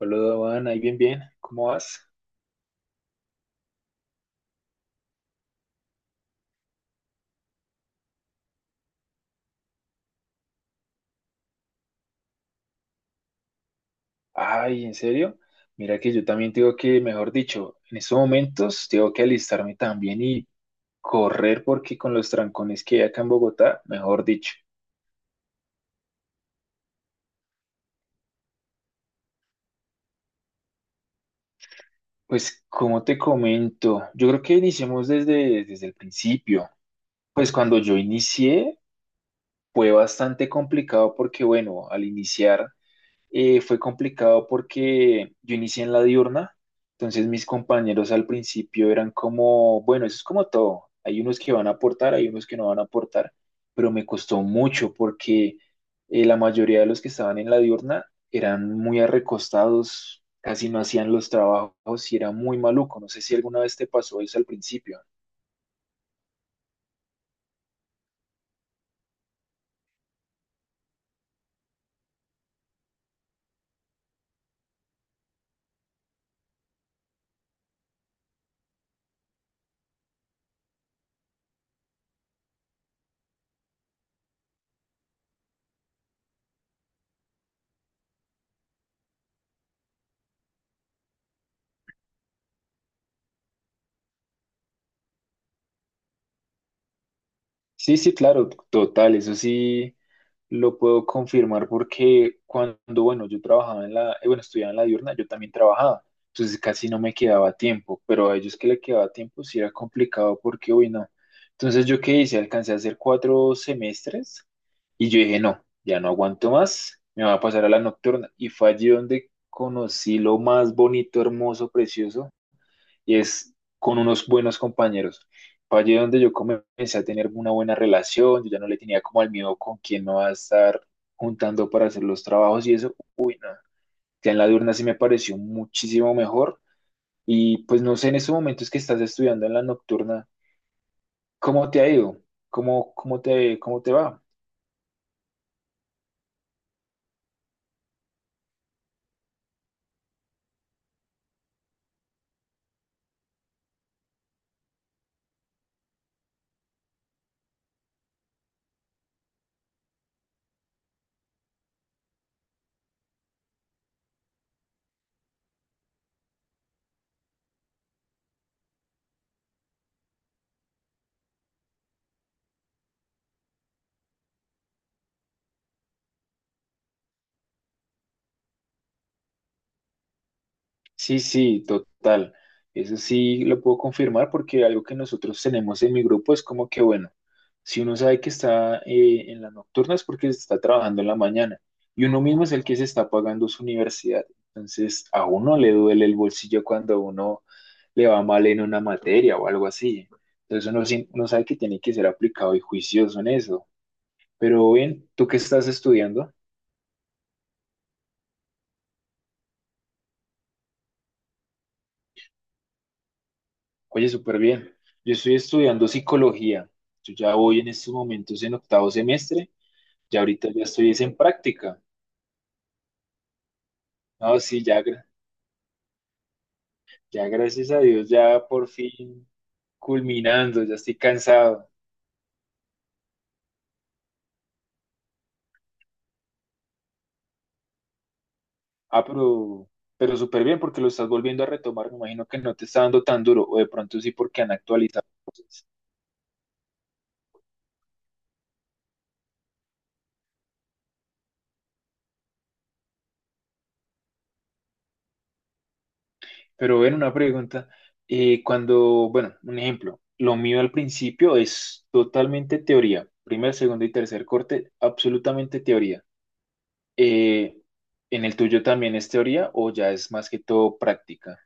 Hola, Juan, ahí bien, bien. ¿Cómo vas? Ay, ¿en serio? Mira que yo también tengo que, mejor dicho, en estos momentos tengo que alistarme también y correr porque con los trancones que hay acá en Bogotá, mejor dicho. Pues, ¿cómo te comento? Yo creo que iniciemos desde el principio. Pues cuando yo inicié fue bastante complicado porque, bueno, al iniciar fue complicado porque yo inicié en la diurna, entonces mis compañeros al principio eran como, bueno, eso es como todo, hay unos que van a aportar, hay unos que no van a aportar, pero me costó mucho porque la mayoría de los que estaban en la diurna eran muy arrecostados, casi no hacían los trabajos y era muy maluco, no sé si alguna vez te pasó eso al principio. Sí, sí, claro, total, eso sí. Lo puedo confirmar porque cuando, bueno, yo trabajaba en la, bueno, estudiaba en la diurna, yo también trabajaba, entonces casi no me quedaba tiempo, pero a ellos que le quedaba tiempo sí era complicado porque uy no. Entonces yo qué hice, alcancé a hacer cuatro semestres y yo dije, no, ya no aguanto más, me voy a pasar a la nocturna. Y fue allí donde conocí lo más bonito, hermoso, precioso, y es con unos buenos compañeros. Fue allí donde yo comencé a tener una buena relación, yo ya no le tenía como al miedo con quién me va a estar juntando para hacer los trabajos y eso. Ya en la diurna sí me pareció muchísimo mejor y pues no sé, en estos momentos que estás estudiando en la nocturna, ¿cómo te ha ido? ¿Cómo, cómo te va? Sí, sí, total. Eso sí lo puedo confirmar porque algo que nosotros tenemos en mi grupo es como que, bueno, si uno sabe que está en las nocturnas es porque está trabajando en la mañana y uno mismo es el que se está pagando su universidad. Entonces, a uno le duele el bolsillo cuando a uno le va mal en una materia o algo así. Entonces, uno sabe que tiene que ser aplicado y juicioso en eso. Pero bien, ¿tú qué estás estudiando? Oye, súper bien. Yo estoy estudiando psicología. Yo ya voy en estos momentos en octavo semestre. Ya ahorita ya estoy es en práctica. No, sí, ya, ya gracias a Dios, ya por fin culminando, ya estoy cansado. Ah, pero súper bien porque lo estás volviendo a retomar. Me imagino que no te está dando tan duro, o de pronto sí porque han actualizado cosas. Pero ven una pregunta, cuando, bueno, un ejemplo, lo mío al principio es totalmente teoría, primer, segundo y tercer corte, absolutamente teoría. Eh, ¿En el tuyo también es teoría o ya es más que todo práctica?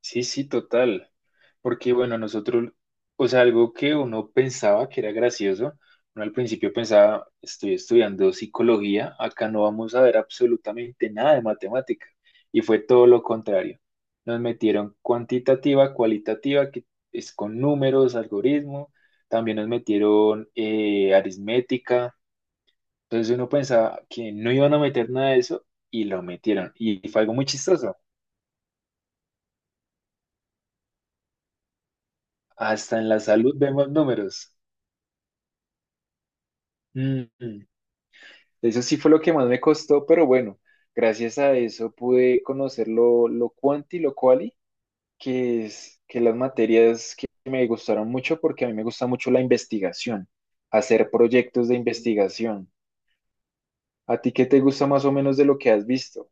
Sí, sí, total. Porque bueno, nosotros, o sea, algo que uno pensaba que era gracioso, uno al principio pensaba, estoy estudiando psicología, acá no vamos a ver absolutamente nada de matemática. Y fue todo lo contrario. Nos metieron cuantitativa, cualitativa, que es con números, algoritmo. También nos metieron aritmética. Entonces uno pensaba que no iban a meter nada de eso y lo metieron. Y fue algo muy chistoso. Hasta en la salud vemos números. Mm, eso sí fue lo que más me costó, pero bueno, gracias a eso pude conocer lo cuanti y lo quali, que es que las materias que me gustaron mucho porque a mí me gusta mucho la investigación, hacer proyectos de investigación. ¿A ti qué te gusta más o menos de lo que has visto?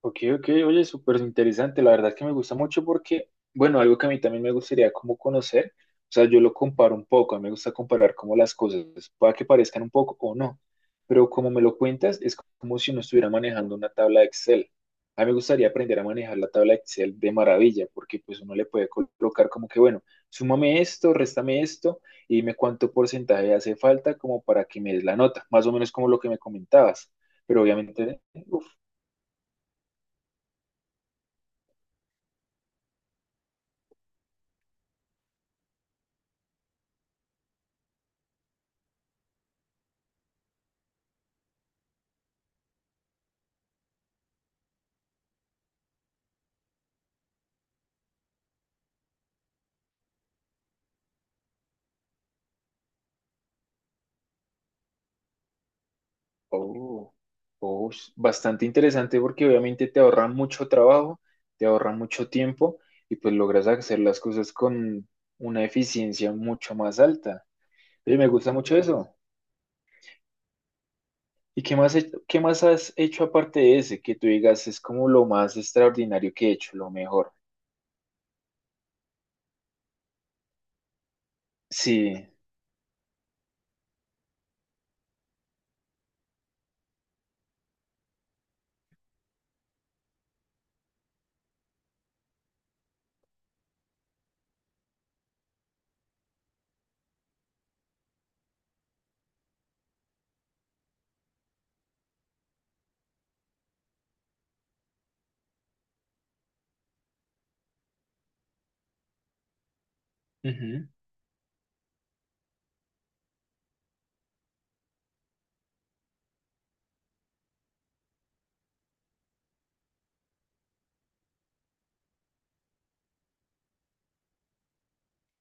Ok, ok, oye, súper interesante. La verdad es que me gusta mucho porque, bueno, algo que a mí también me gustaría como conocer, o sea, yo lo comparo un poco, a mí me gusta comparar como las cosas, pueda que parezcan un poco o no, pero como me lo cuentas, es como si uno estuviera manejando una tabla de Excel. A mí me gustaría aprender a manejar la tabla de Excel de maravilla, porque pues uno le puede colocar como que, bueno, súmame esto, réstame esto, y dime cuánto porcentaje hace falta como para que me des la nota, más o menos como lo que me comentabas, pero obviamente... Oh, oh, bastante interesante porque obviamente te ahorra mucho trabajo, te ahorra mucho tiempo y pues logras hacer las cosas con una eficiencia mucho más alta. Oye, me gusta mucho eso. ¿Y qué más, qué más has hecho aparte de ese que tú digas es como lo más extraordinario que he hecho, lo mejor? Sí.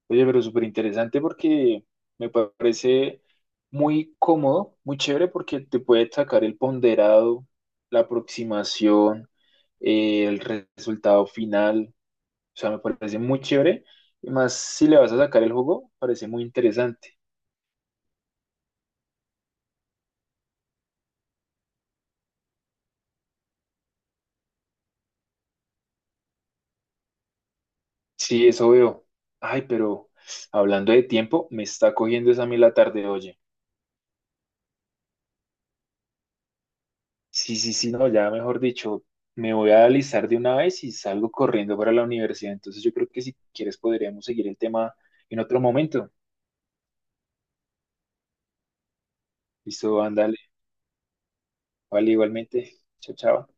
Oye, pero súper interesante porque me parece muy cómodo, muy chévere porque te puede sacar el ponderado, la aproximación, el resultado final. O sea, me parece muy chévere. Y más si le vas a sacar el juego, parece muy interesante. Sí, eso veo. Ay, pero hablando de tiempo, me está cogiendo esa a mí la tarde, oye. Sí, sí, sí, no, ya mejor dicho, me voy a alistar de una vez y salgo corriendo para la universidad. Entonces yo creo que si quieres podríamos seguir el tema en otro momento. Listo, ándale, vale, igualmente. Chao, chao.